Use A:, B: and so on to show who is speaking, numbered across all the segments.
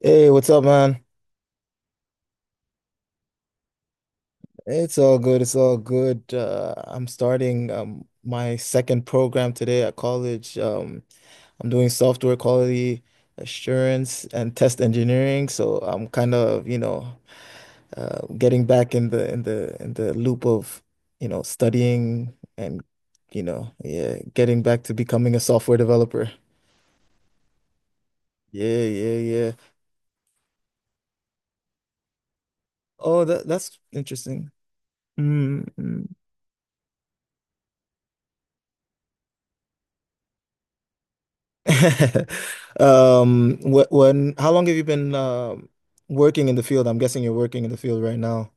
A: Hey, what's up, man? It's all good. It's all good. I'm starting my second program today at college. I'm doing software quality assurance and test engineering. So I'm kind of, getting back in the loop of, studying and, yeah, getting back to becoming a software developer. Yeah, yeah, yeah. Oh, that's interesting. Mm-hmm. How long have you been working in the field? I'm guessing you're working in the field right now.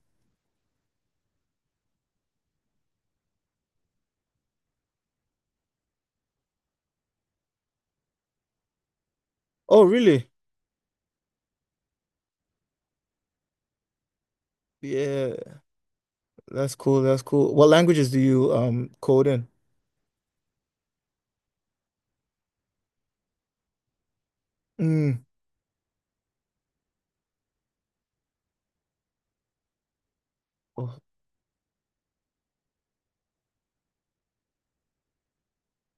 A: Oh, really? Yeah, that's cool. That's cool. What languages do you code in? Mm. Oh,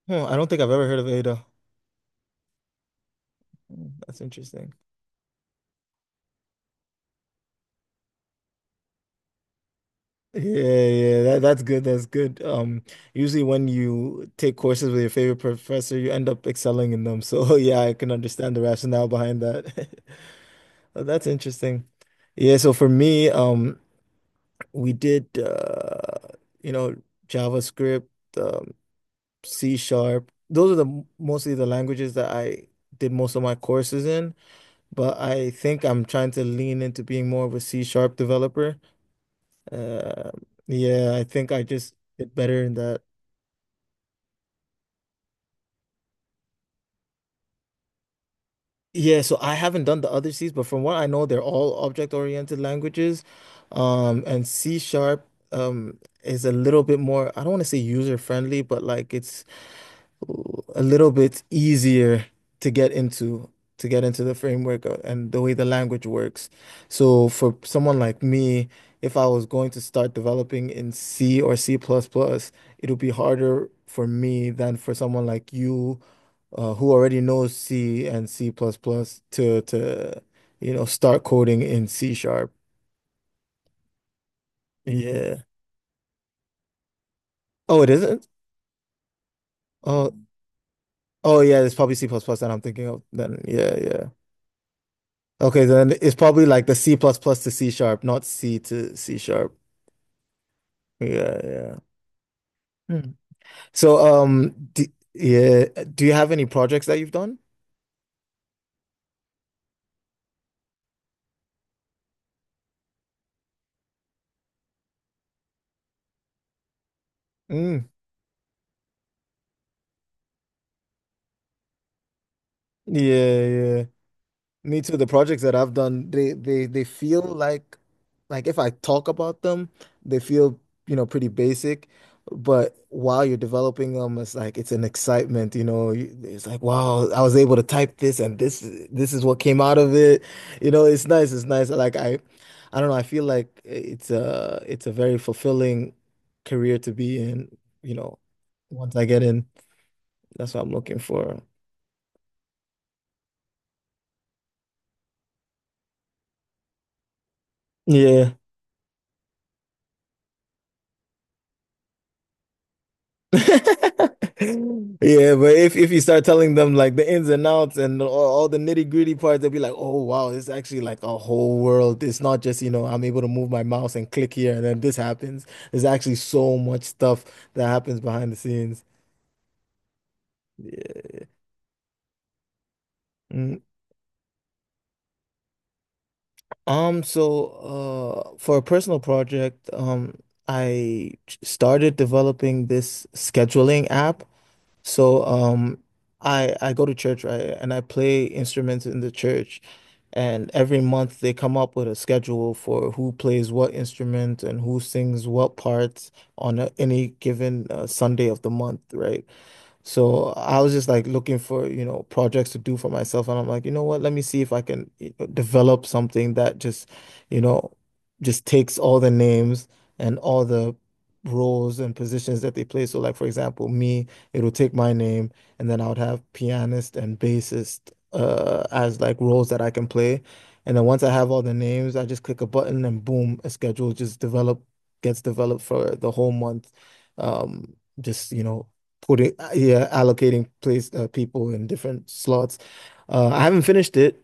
A: huh, I don't think I've ever heard of Ada. Mm, that's interesting. Yeah, yeah, that's good. That's good. Usually when you take courses with your favorite professor, you end up excelling in them. So yeah, I can understand the rationale behind that. Oh, that's interesting. Yeah, so for me, we did you know JavaScript, um, C sharp. Those are the mostly the languages that I did most of my courses in, but I think I'm trying to lean into being more of a C sharp developer. Uh, yeah, I think I just did better in that. Yeah, so I haven't done the other C's, but from what I know, they're all object-oriented languages. And C sharp is a little bit more, I don't want to say user-friendly, but like it's a little bit easier to get into the framework and the way the language works. So for someone like me, if I was going to start developing in C or C++, plus plus, it would be harder for me than for someone like you who already knows C and C++ plus plus to you know start coding in C sharp. Yeah. Oh, it isn't? Oh, oh yeah, it's probably C++ plus plus that I'm thinking of then. Yeah, yeah. Okay, then it's probably like the C plus plus to C sharp, not C to C sharp. Yeah, yeah. Hmm. So, d yeah, do you have any projects that you've done? Mm. Yeah, yeah. Me too. The projects that I've done, they feel like if I talk about them, they feel, you know, pretty basic. But while you're developing them, it's like it's an excitement, you know. It's like, wow, I was able to type this and this is what came out of it. It's nice, it's nice. Like I don't know, I feel like it's a very fulfilling career to be in, once I get in. That's what I'm looking for. Yeah. Yeah, but if you start telling them like the ins and outs and all the nitty-gritty parts, they'll be like, "Oh wow, it's actually like a whole world. It's not just, I'm able to move my mouse and click here and then this happens. There's actually so much stuff that happens behind the scenes." Yeah. Mm. So for a personal project, I started developing this scheduling app. So I go to church, right? And I play instruments in the church. And every month they come up with a schedule for who plays what instrument and who sings what parts on any given Sunday of the month, right? So I was just like looking for, projects to do for myself. And I'm like, you know what? Let me see if I can develop something that just, you know, takes all the names and all the roles and positions that they play. So like, for example, me, it'll take my name and then I would have pianist and bassist as like roles that I can play. And then once I have all the names, I just click a button and boom, a schedule just develop gets developed for the whole month. Um, just, you know, putting yeah allocating place people in different slots. I haven't finished it,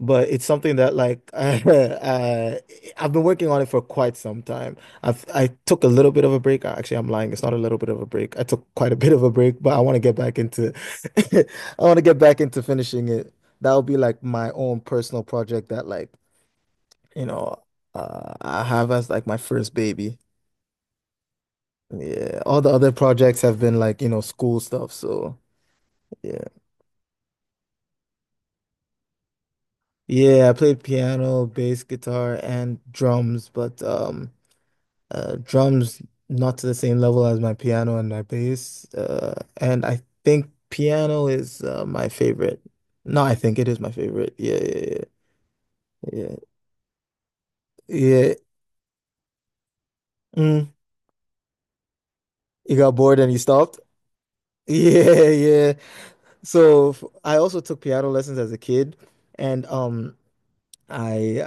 A: but it's something that like I've been working on it for quite some time. I took a little bit of a break. Actually, I'm lying. It's not a little bit of a break. I took quite a bit of a break, but I want to get back into I want to get back into finishing it. That'll be like my own personal project that like you know I have as like my first baby. Yeah, all the other projects have been like, school stuff. So, yeah. Yeah, I played piano, bass, guitar, and drums, but drums not to the same level as my piano and my bass. And I think piano is my favorite. No, I think it is my favorite. Yeah, yeah, yeah, yeah, yeah. Mm, you got bored and you stopped? Yeah, yeah. So I also took piano lessons as a kid, and um. I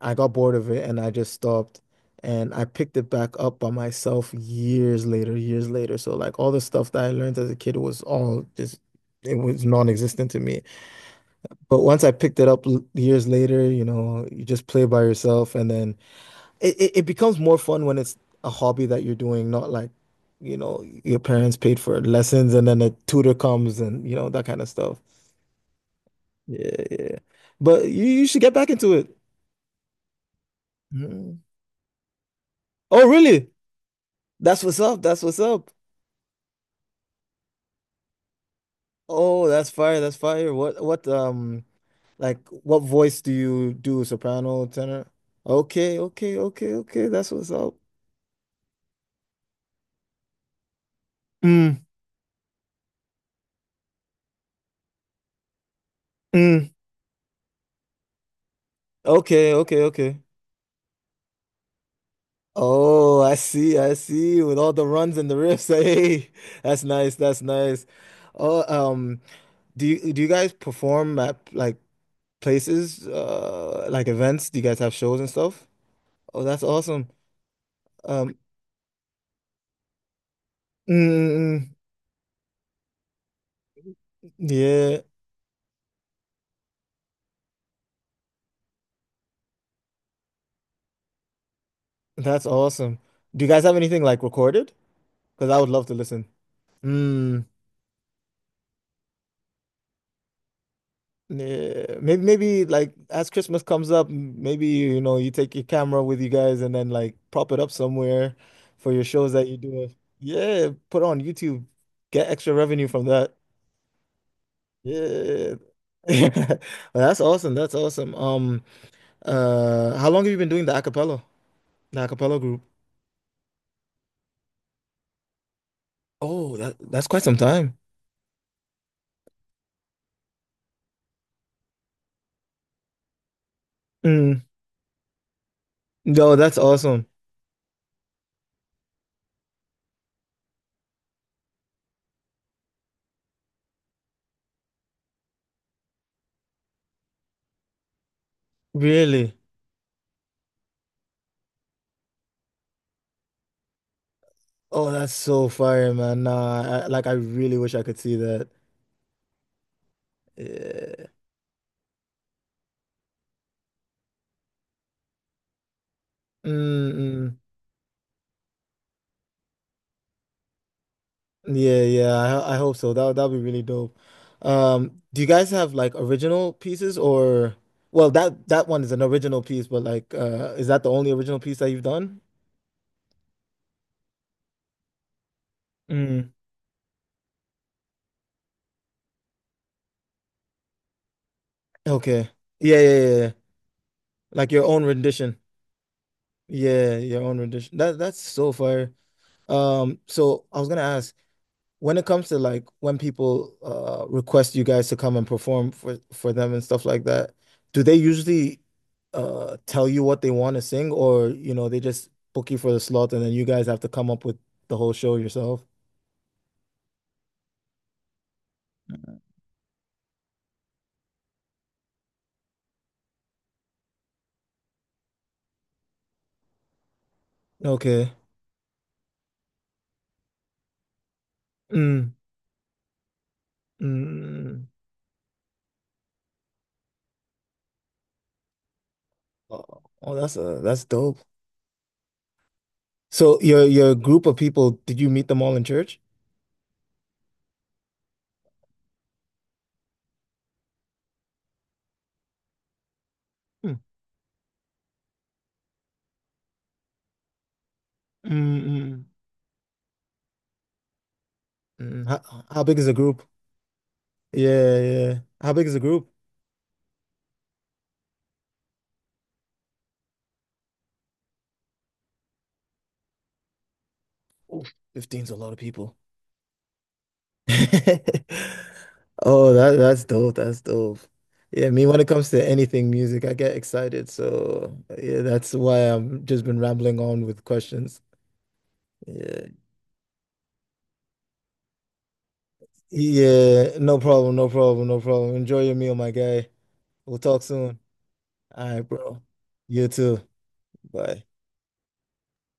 A: I I got bored of it and I just stopped and I picked it back up by myself years later, years later. So like all the stuff that I learned as a kid was all just it was non-existent to me. But once I picked it up years later, you know, you just play by yourself and then it becomes more fun when it's a hobby that you're doing, not like, your parents paid for lessons and then a tutor comes and that kind of stuff. Yeah, yeah. But you should get back into it. Mhm. Oh, really? That's what's up. That's what's up. Oh, that's fire. That's fire. What like what voice do you do? Soprano, tenor? Okay, okay, okay, okay. That's what's up. Mm, mm. Okay, okay, okay. Oh, I see. I see. With all the runs and the riffs. Hey, that's nice. That's nice. Oh, um, do you guys perform at like places, like events? Do you guys have shows and stuff? Oh, that's awesome. Um, mm, mm, mm. Yeah. That's awesome. Do you guys have anything like recorded? Because I would love to listen. Mm, maybe like as Christmas comes up, maybe you take your camera with you guys and then like prop it up somewhere for your shows that you do. Yeah, put on YouTube, get extra revenue from that. Yeah. Well, that's awesome. That's awesome. How long have you been doing the a cappella, group? Oh, that's quite some time. Mm. No, that's awesome. Really? Oh, that's so fire, man. Nah, like I really wish I could see that. Yeah. Mm-mm. Yeah, yeah. I hope so. That'd be really dope. Do you guys have like original pieces or well, that one is an original piece, but like is that the only original piece that you've done? Mm. Okay. Yeah, yeah, yeah, yeah. Like your own rendition. Yeah, your own rendition. That's so fire. So I was gonna ask when it comes to like when people request you guys to come and perform for them and stuff like that, do they usually tell you what they want to sing or they just book you for the slot and then you guys have to come up with the whole show yourself? Okay. Mm, mm. Oh, oh, that's dope. So your group of people, did you meet them all in church? Mm, mm, mm, mm. How big is the group? Yeah, yeah. How big is the group? Oof, 15's a lot of people. Oh, that's dope. That's dope. Yeah, me when it comes to anything music, I get excited. So yeah, that's why I've just been rambling on with questions. Yeah. Yeah, no problem, no problem, no problem. Enjoy your meal, my guy. We'll talk soon. All right, bro. You too. Bye.